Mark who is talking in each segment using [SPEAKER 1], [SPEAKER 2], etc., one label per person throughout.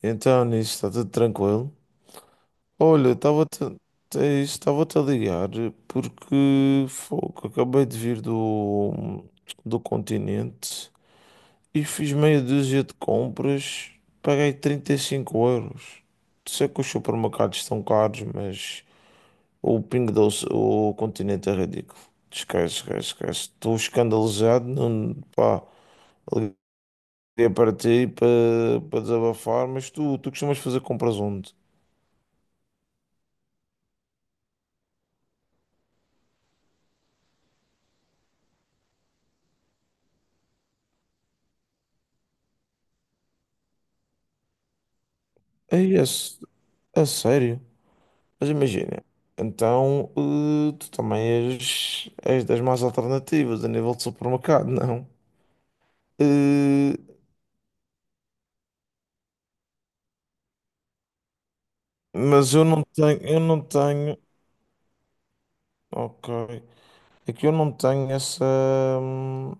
[SPEAKER 1] Então, nisso está tudo tranquilo. Olha, estava-te é isso, estava-te a ligar porque fogo, acabei de vir do Continente e fiz meia dúzia de compras, paguei 3 euros. Sei que os supermercados estão caros, mas o Pingo Doce, o Continente é ridículo. Esquece, esquece, esquece. Estou escandalizado. Não, pá, liguei para ti para desabafar, mas tu costumas fazer compras onde? É isso. A sério? Mas imagina, então tu também és das mais alternativas a nível de supermercado, não? Eh, mas eu não tenho, ok, é que eu não tenho essa, hum,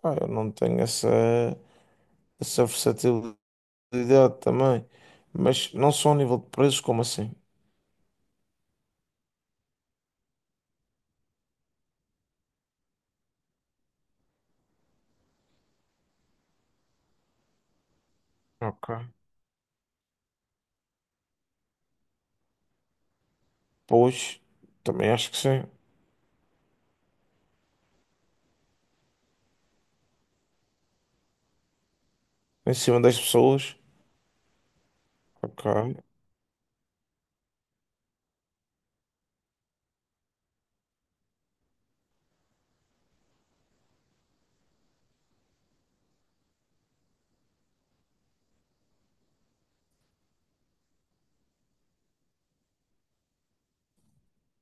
[SPEAKER 1] pá, eu não tenho essa, essa versatilidade também, mas não só a nível de preços, como assim? Ok. Pois, também acho que sim. Em cima das pessoas, ok.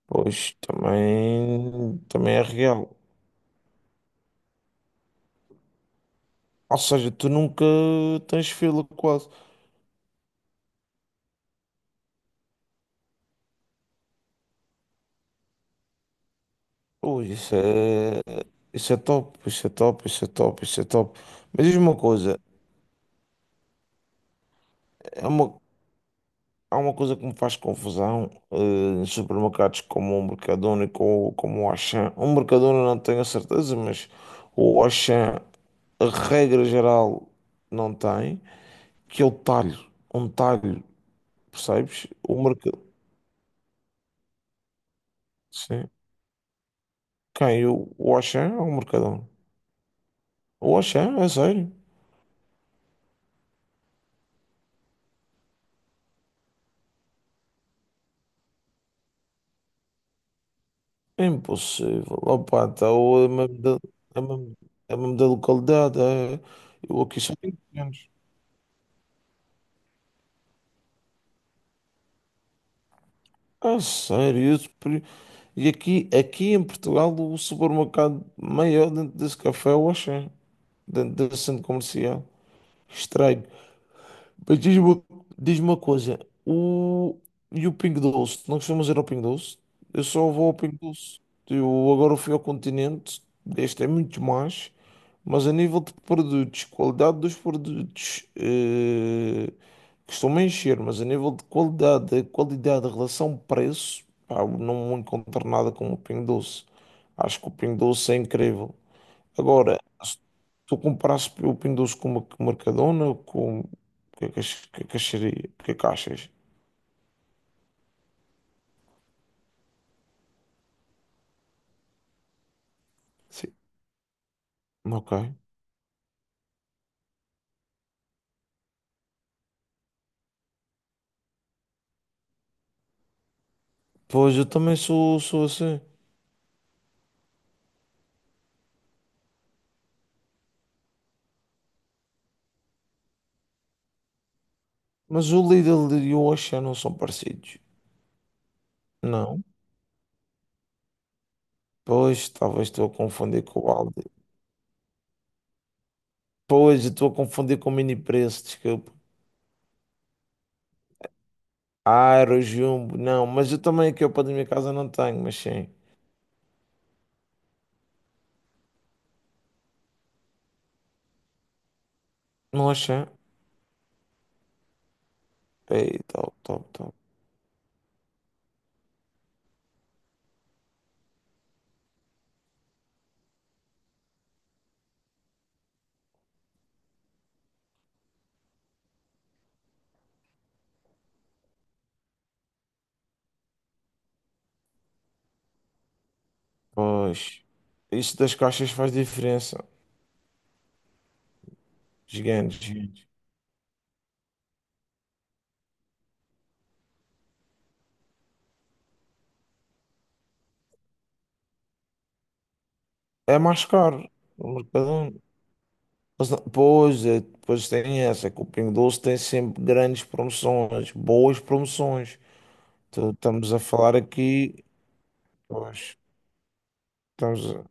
[SPEAKER 1] Pois também, também é real. Ou seja, tu nunca tens fila quase. Ui, isso é top, isso é top, isso é top, isso é top. Mas diz uma coisa, é uma, há uma coisa que me faz confusão, em supermercados como o Mercadona e como o Auchan. O Mercadona não tenho a certeza, mas o Auchan, a regra geral, não tem, que é o talho, um talho, percebes? O mercado, sim. Quem? O Auchan ou o Mercadona? O Auchan, é sério. É impossível. Opa, então é mesmo, é mesmo da localidade. É, eu aqui só tenho 500. Ah, sério? E aqui, aqui em Portugal, o supermercado maior dentro desse café é o Auchan, dentro desse centro comercial. Estranho. Mas diz-me uma Diz-me uma coisa, o... e o Pingo Doce? Não costumas ir ao Pingo Doce? Eu só vou ao Pingo Doce. Eu agora fui ao Continente. Este é muito mais, mas a nível de produtos, qualidade dos produtos, costumo encher, mas a nível de qualidade, a qualidade, a relação preço, pá, eu não encontro nada como o Pingo Doce. Acho que o Pingo Doce é incrível. Agora, se tu comprasse o Pingo Doce com uma com Mercadona, com... O que é que ach- Que é que acharia? O que é que achas? Sim. Ok. Pois, eu também sou assim. Mas o Lidl e o Auchan não são parecidos. Não. Pois, talvez estou a confundir com o Aldi. Pois, eu estou a confundir com o Mini Preço, desculpa. Ah, era o Jumbo. Não, mas eu também aqui ao pé da minha casa não tenho, mas sim. No Auchan. Ei, top, top, top. Pois, isso das caixas faz diferença. Gigantes. É mais caro no Mercadona. Mas não- Pois, é, depois tem essa, que o Pingo Doce tem sempre grandes promoções, boas promoções. Então, estamos a falar aqui, pois, estamos a...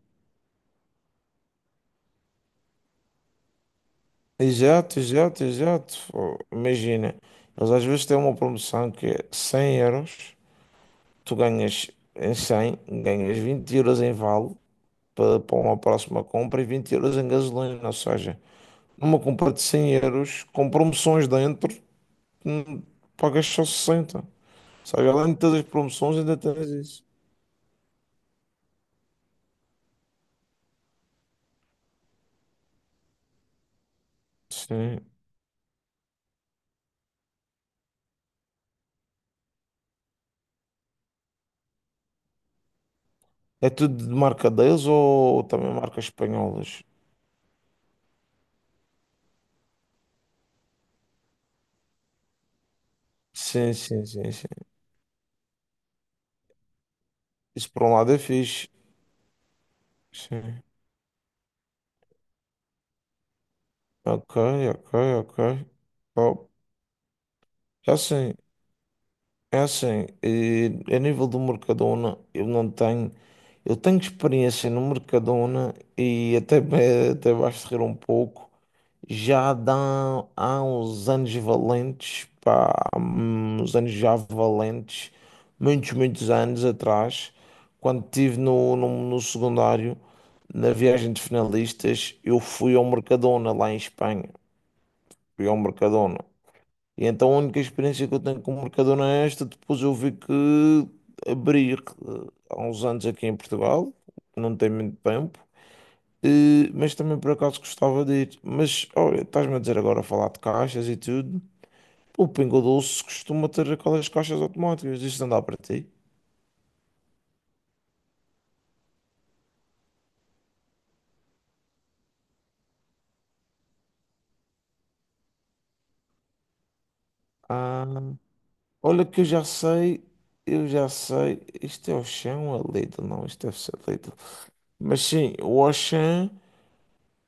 [SPEAKER 1] Exato, exato, exato. Imagina, eles às vezes têm uma promoção que é 100 euros, tu ganhas em 100, ganhas 20 € em vale para uma próxima compra e 20 € em gasolina. Ou seja, numa compra de 100 euros, com promoções dentro, hum, pagas só 60. Sabe, além de todas as promoções, ainda tens isso. Sim. É tudo de marca deles ou também marcas espanholas? Sim, sim, sim, sim. Isso por um lado é fixe. Sim. Ok, ok, ok. Top. É assim, É assim, a nível do Mercadona, eu não tenho. Eu tenho experiência no Mercadona até vais rir um pouco. Já dá, há uns anos valentes, pá, uns anos já valentes, muitos, muitos anos atrás, quando estive no secundário, na viagem de finalistas. Eu fui ao Mercadona lá em Espanha. Fui ao Mercadona. E então a única experiência que eu tenho com Mercadona é esta. Depois eu vi que abrir há uns anos aqui em Portugal, não tem muito tempo, mas também por acaso gostava de ir. Mas olha, estás-me a dizer agora a falar de caixas e tudo. O Pingo Doce costuma ter aquelas caixas automáticas, isto não dá para ti. Ah, olha que eu já sei, isto é o chão a Lidl, não, isto deve ser Lidl. Mas sim, o Auchan,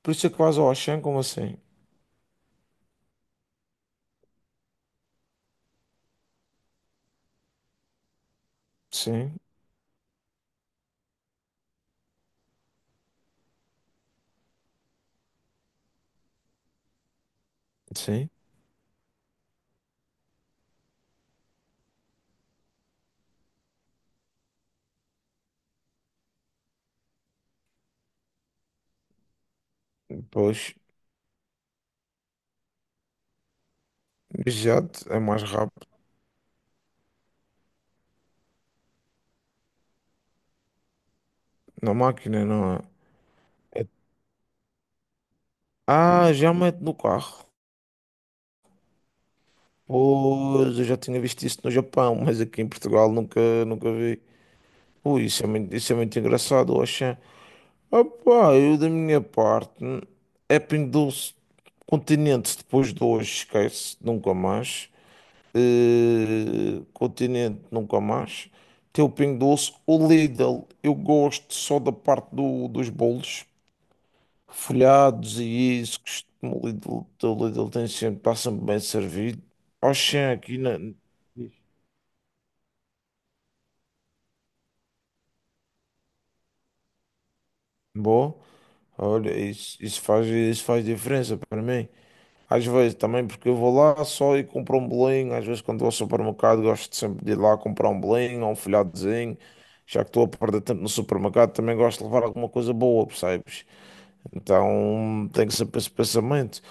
[SPEAKER 1] por isso é que vais ao Auchan, como assim? Sim, sim. Pois, jato é mais rápido na máquina, não é? É- Ah, já mete no carro. Pois, eu já tinha visto isso no Japão, mas aqui em Portugal nunca, nunca vi. Ui, isso é muito engraçado, Oxê. Opá, eu da minha parte, é pendulce Continente depois de hoje, esquece, nunca mais. Continente, nunca mais. Teu Pingo Doce, o Lidl, eu gosto só da parte do, dos bolos, folhados e isso que o Lidl tem sempre, está sempre bem servido. Oxen aqui na boa. Olha, isso faz diferença para mim. Às vezes também porque eu vou lá só e compro um bolinho, às vezes quando vou ao supermercado gosto sempre de ir lá comprar um bolinho ou um folhadozinho, já que estou a perder tempo no supermercado, também gosto de levar alguma coisa boa, percebes? Então tenho sempre esse pensamento.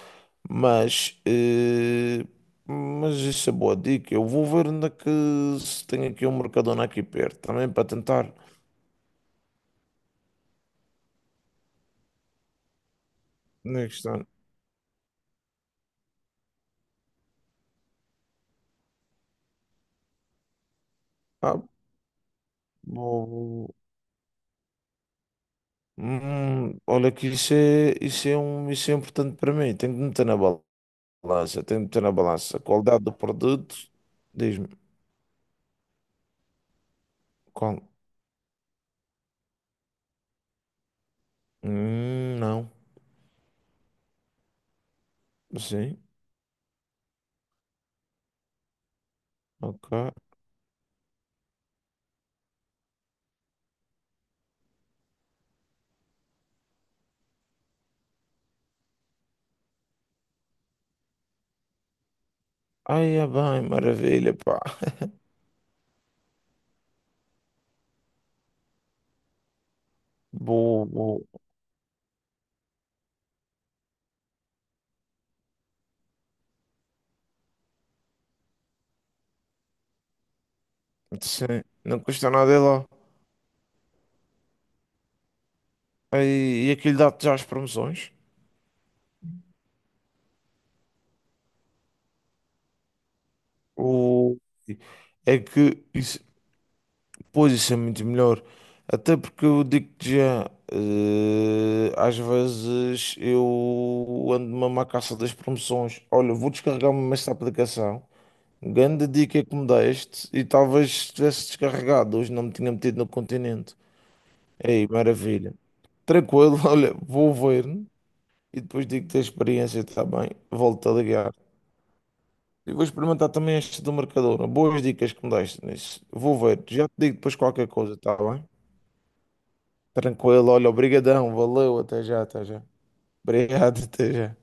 [SPEAKER 1] Mas, eh, mas isso é boa dica. Eu vou ver onde é que se tem aqui um Mercadona aqui perto também para tentar. Next time. Ah, vou- olha que isso é importante para mim. Tenho que meter na balança. Tenho que meter na balança. A qualidade do produto. Diz-me. Qual? Não. Sim. Ok. Ai, é bem, maravilha, pá. Boa, boa. Sim, não custa nada ir lá. E aquilo dá-te já as promoções. O... É que isso, pois isso é muito melhor. Até porque eu digo-te já, às vezes eu ando mesmo à caça das promoções. Olha, vou descarregar-me esta aplicação. Grande dica que me deste e talvez tivesse descarregado, hoje não me tinha metido no Continente. Ei, maravilha. Tranquilo, olha, vou ver e depois digo-te a experiência, está bem? Volto a ligar. E vou experimentar também este do Mercadona. Boas dicas que me deste nisso. Vou ver. Já te digo depois qualquer coisa, tá bem? Tranquilo. Olha, obrigadão. Valeu. Até já, até já. Obrigado, até já.